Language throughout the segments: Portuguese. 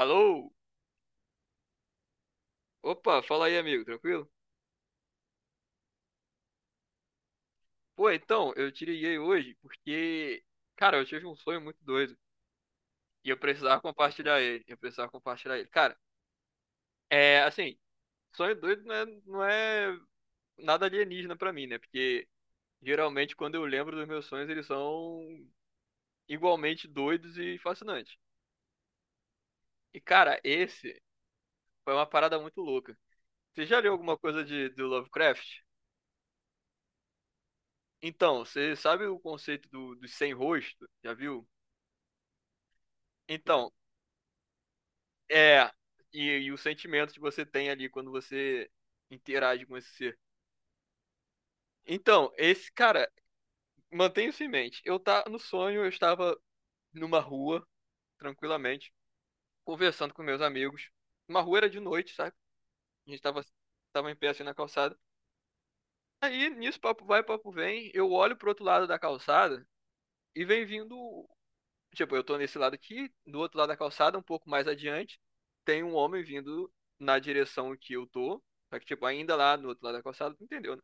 Alô? Opa, fala aí, amigo, tranquilo? Pô, então, eu te liguei hoje porque, cara, eu tive um sonho muito doido e eu precisava compartilhar ele. Eu precisava compartilhar ele. Cara, é assim, sonho doido não é nada alienígena pra mim, né? Porque geralmente quando eu lembro dos meus sonhos, eles são igualmente doidos e fascinantes. E, cara, esse foi uma parada muito louca. Você já leu alguma coisa do Lovecraft? Então, você sabe o conceito dos sem rosto? Já viu? Então. É, e o sentimento que você tem ali quando você interage com esse ser. Então, esse cara, mantenha isso em mente. Eu tá no sonho, eu estava numa rua, tranquilamente, conversando com meus amigos. Uma rua era de noite, sabe? A gente tava em pé assim na calçada. Aí, nisso, papo vai, papo vem. Eu olho pro outro lado da calçada e vem vindo. Tipo, eu tô nesse lado aqui, do outro lado da calçada, um pouco mais adiante, tem um homem vindo na direção que eu tô. Só que, tipo, ainda lá no outro lado da calçada, tu entendeu, né?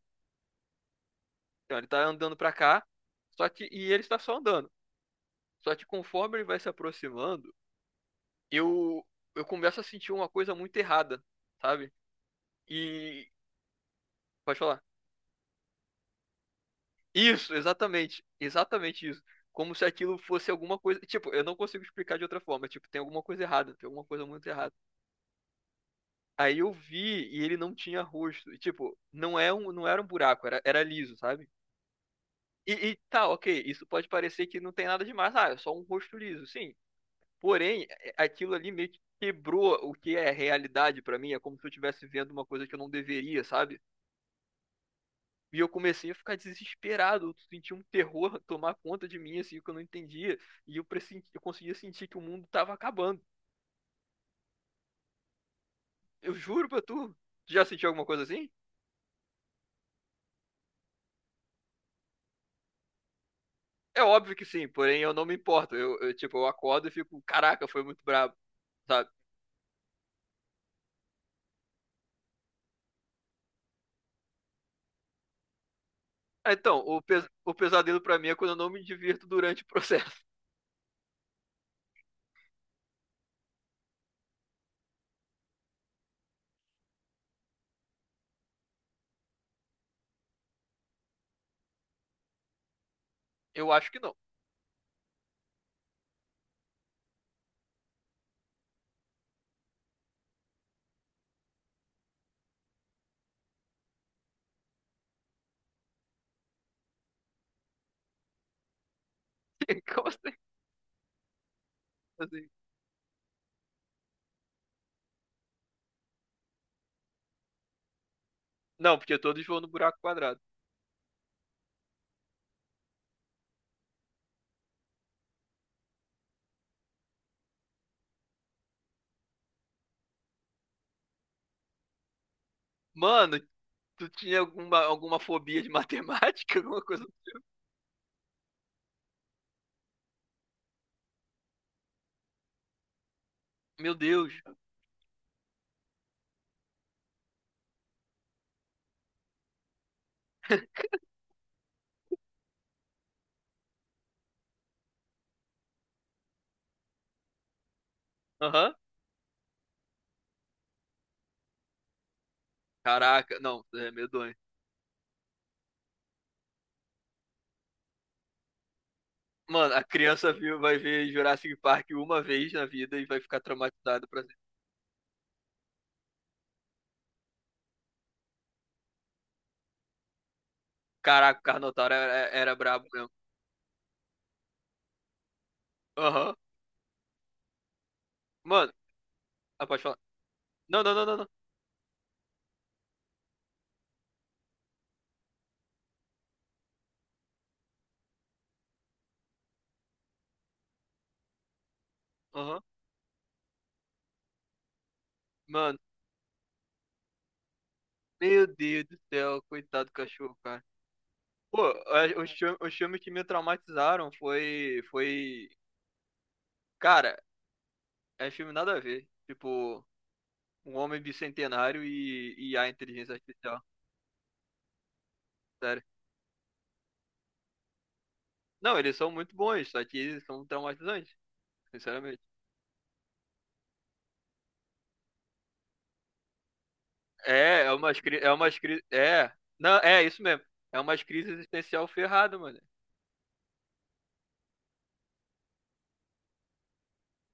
Então ele tá andando pra cá, só que. E ele está só andando. Só que conforme ele vai se aproximando, eu, eu começo a sentir uma coisa muito errada, sabe? E. Pode falar. Isso, exatamente. Exatamente isso. Como se aquilo fosse alguma coisa. Tipo, eu não consigo explicar de outra forma. Tipo, tem alguma coisa errada, tem alguma coisa muito errada. Aí eu vi e ele não tinha rosto. E, tipo, não era um buraco, era liso, sabe? E, tá, ok, isso pode parecer que não tem nada demais. Ah, é só um rosto liso, sim. Porém, aquilo ali meio que quebrou o que é realidade pra mim. É como se eu estivesse vendo uma coisa que eu não deveria, sabe? E eu comecei a ficar desesperado. Eu senti um terror tomar conta de mim, assim, que eu não entendia. Eu conseguia sentir que o mundo tava acabando. Eu juro pra tu. Tu já sentiu alguma coisa assim? É óbvio que sim, porém eu não me importo. Eu, tipo, eu acordo e fico, caraca, foi muito brabo, sabe? Ah, então, o pesadelo pra mim é quando eu não me divirto durante o processo. Eu acho que não. Como assim? Assim, não, porque todos vão no buraco quadrado. Mano, tu tinha alguma fobia de matemática? Alguma coisa? Meu Deus. Aham. Caraca, não, é medonho. Mano, a criança viu, vai ver Jurassic Park uma vez na vida e vai ficar traumatizada pra sempre. Caraca, o Carnotauro era brabo mesmo. Aham. Mano, ah, pode falar. Não, não, não, não, não. Aham. Mano, meu Deus do céu, coitado do cachorro, cara. Pô, os filmes que me traumatizaram foi, cara, é filme nada a ver. Tipo, um homem bicentenário e a inteligência artificial, sério. Não, eles são muito bons, só que eles são traumatizantes, sinceramente. É, é uma, é uma, é, não, é isso mesmo. É uma crise existencial ferrada, mano.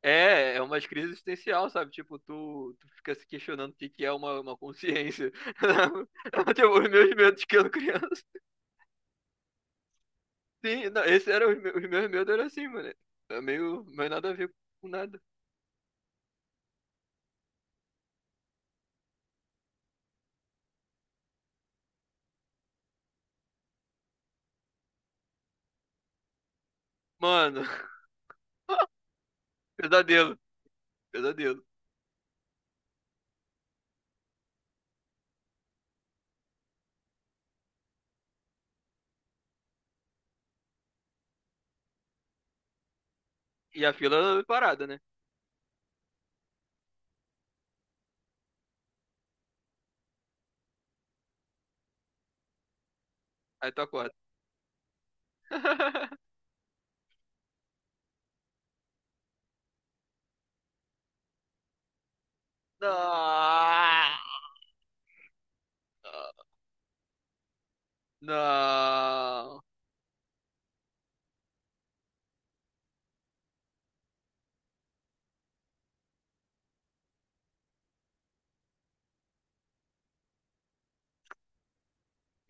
É uma crise existencial, sabe? Tipo, tu fica se questionando o que que é uma consciência. Tipo, os meus medos que eu criança. Sim, não, esse era os meus medos era assim, mano. É meio, meio nada a ver com nada. Mano, pesadelo, pesadelo. E a fila é parada, né? Aí tu acorda. Não, não.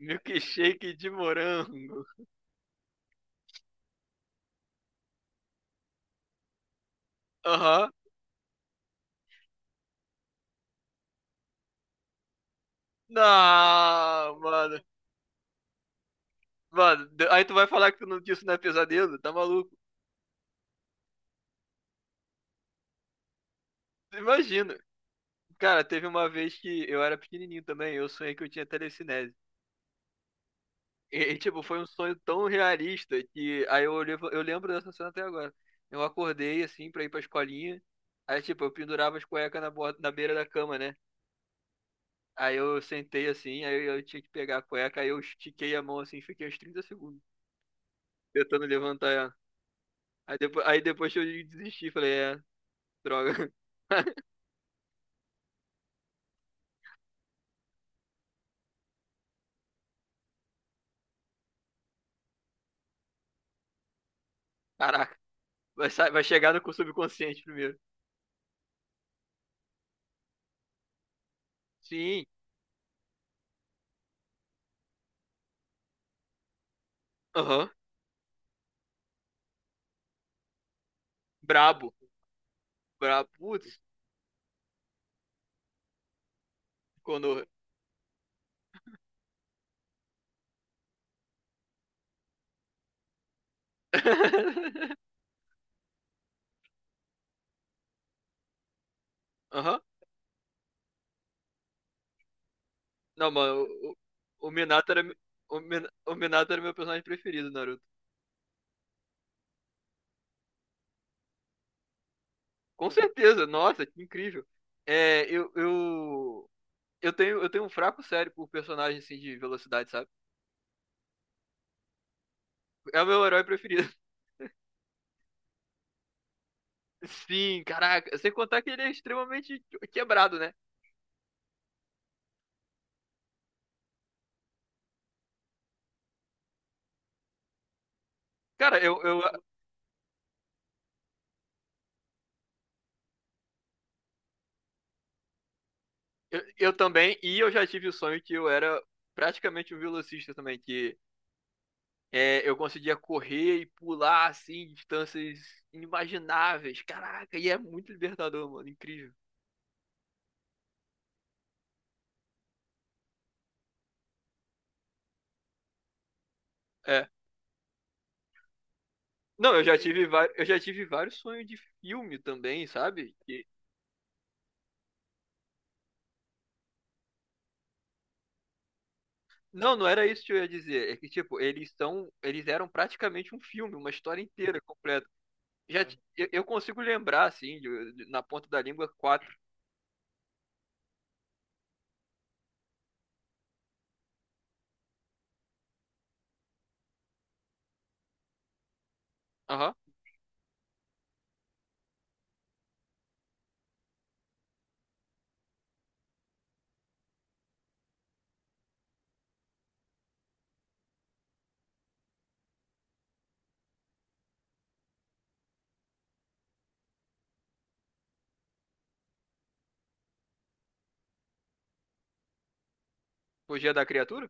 Milkshake de morango. Aham. Não, mano. Mano, aí tu vai falar que tu não, que isso não é pesadelo? Tá maluco? Imagina. Cara, teve uma vez que eu era pequenininho também, eu sonhei que eu tinha telecinese. E, tipo, foi um sonho tão realista que aí eu olhei, eu lembro dessa cena até agora. Eu acordei assim pra ir pra escolinha. Aí, tipo, eu pendurava as cuecas na beira da cama, né? Aí eu sentei assim, aí eu tinha que pegar a cueca, aí eu estiquei a mão assim, fiquei uns 30 segundos tentando levantar ela. Aí depois que eu desisti, falei, droga. Caraca. Vai chegar no subconsciente primeiro. Sim. Aham. Uhum. Brabo. Brabo. Putz, Konoha. Aham. Não, mano, o Minato era. O Minato era meu personagem preferido, Naruto. Com certeza, nossa, que incrível. É, eu tenho um fraco sério por personagem assim de velocidade, sabe? É o meu herói preferido. Sim, caraca. Sem contar que ele é extremamente quebrado, né? Cara, eu também, e eu já tive o sonho que eu era praticamente um velocista também, que eu conseguia correr e pular assim, distâncias inimagináveis. Caraca, e é muito libertador, mano, incrível. É. Não, eu já tive vários sonhos de filme também, sabe? Não, não era isso que eu ia dizer. É que, tipo, eles eram praticamente um filme, uma história inteira completa. Eu consigo lembrar, assim, na ponta da língua, quatro. Aham. O Dia da Criatura?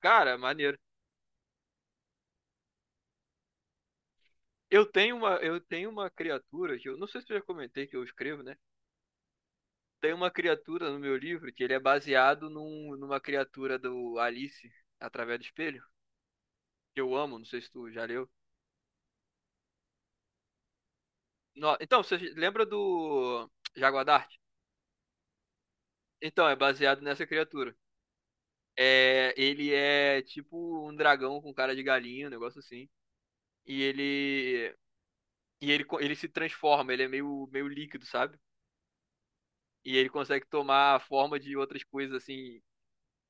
Cara, maneiro. Eu tenho uma criatura que eu não sei se eu já comentei que eu escrevo, né? Tem uma criatura no meu livro que ele é baseado numa criatura do Alice através do espelho, que eu amo, não sei se tu já leu. Então, você lembra do Jaguar Dart? Então, é baseado nessa criatura. É, ele é tipo um dragão com cara de galinha, um negócio assim. E ele e ele se transforma, ele é meio meio líquido, sabe? E ele consegue tomar a forma de outras coisas assim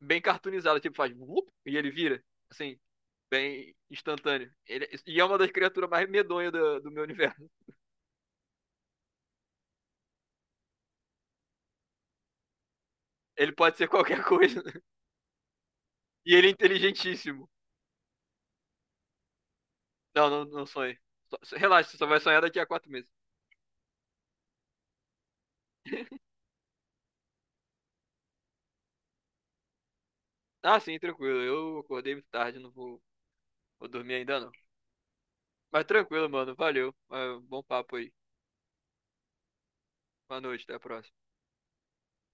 bem cartoonizado, tipo, faz vup, e ele vira, assim, bem instantâneo. E é uma das criaturas mais medonhas do meu universo. Ele pode ser qualquer coisa. E ele é inteligentíssimo. Não, não, não sonhe. Relaxa, você só vai sonhar daqui a 4 meses. Ah, sim, tranquilo. Eu acordei muito tarde, não vou, vou dormir ainda não. Mas tranquilo, mano. Valeu. Ah, bom papo aí. Boa noite, até a próxima.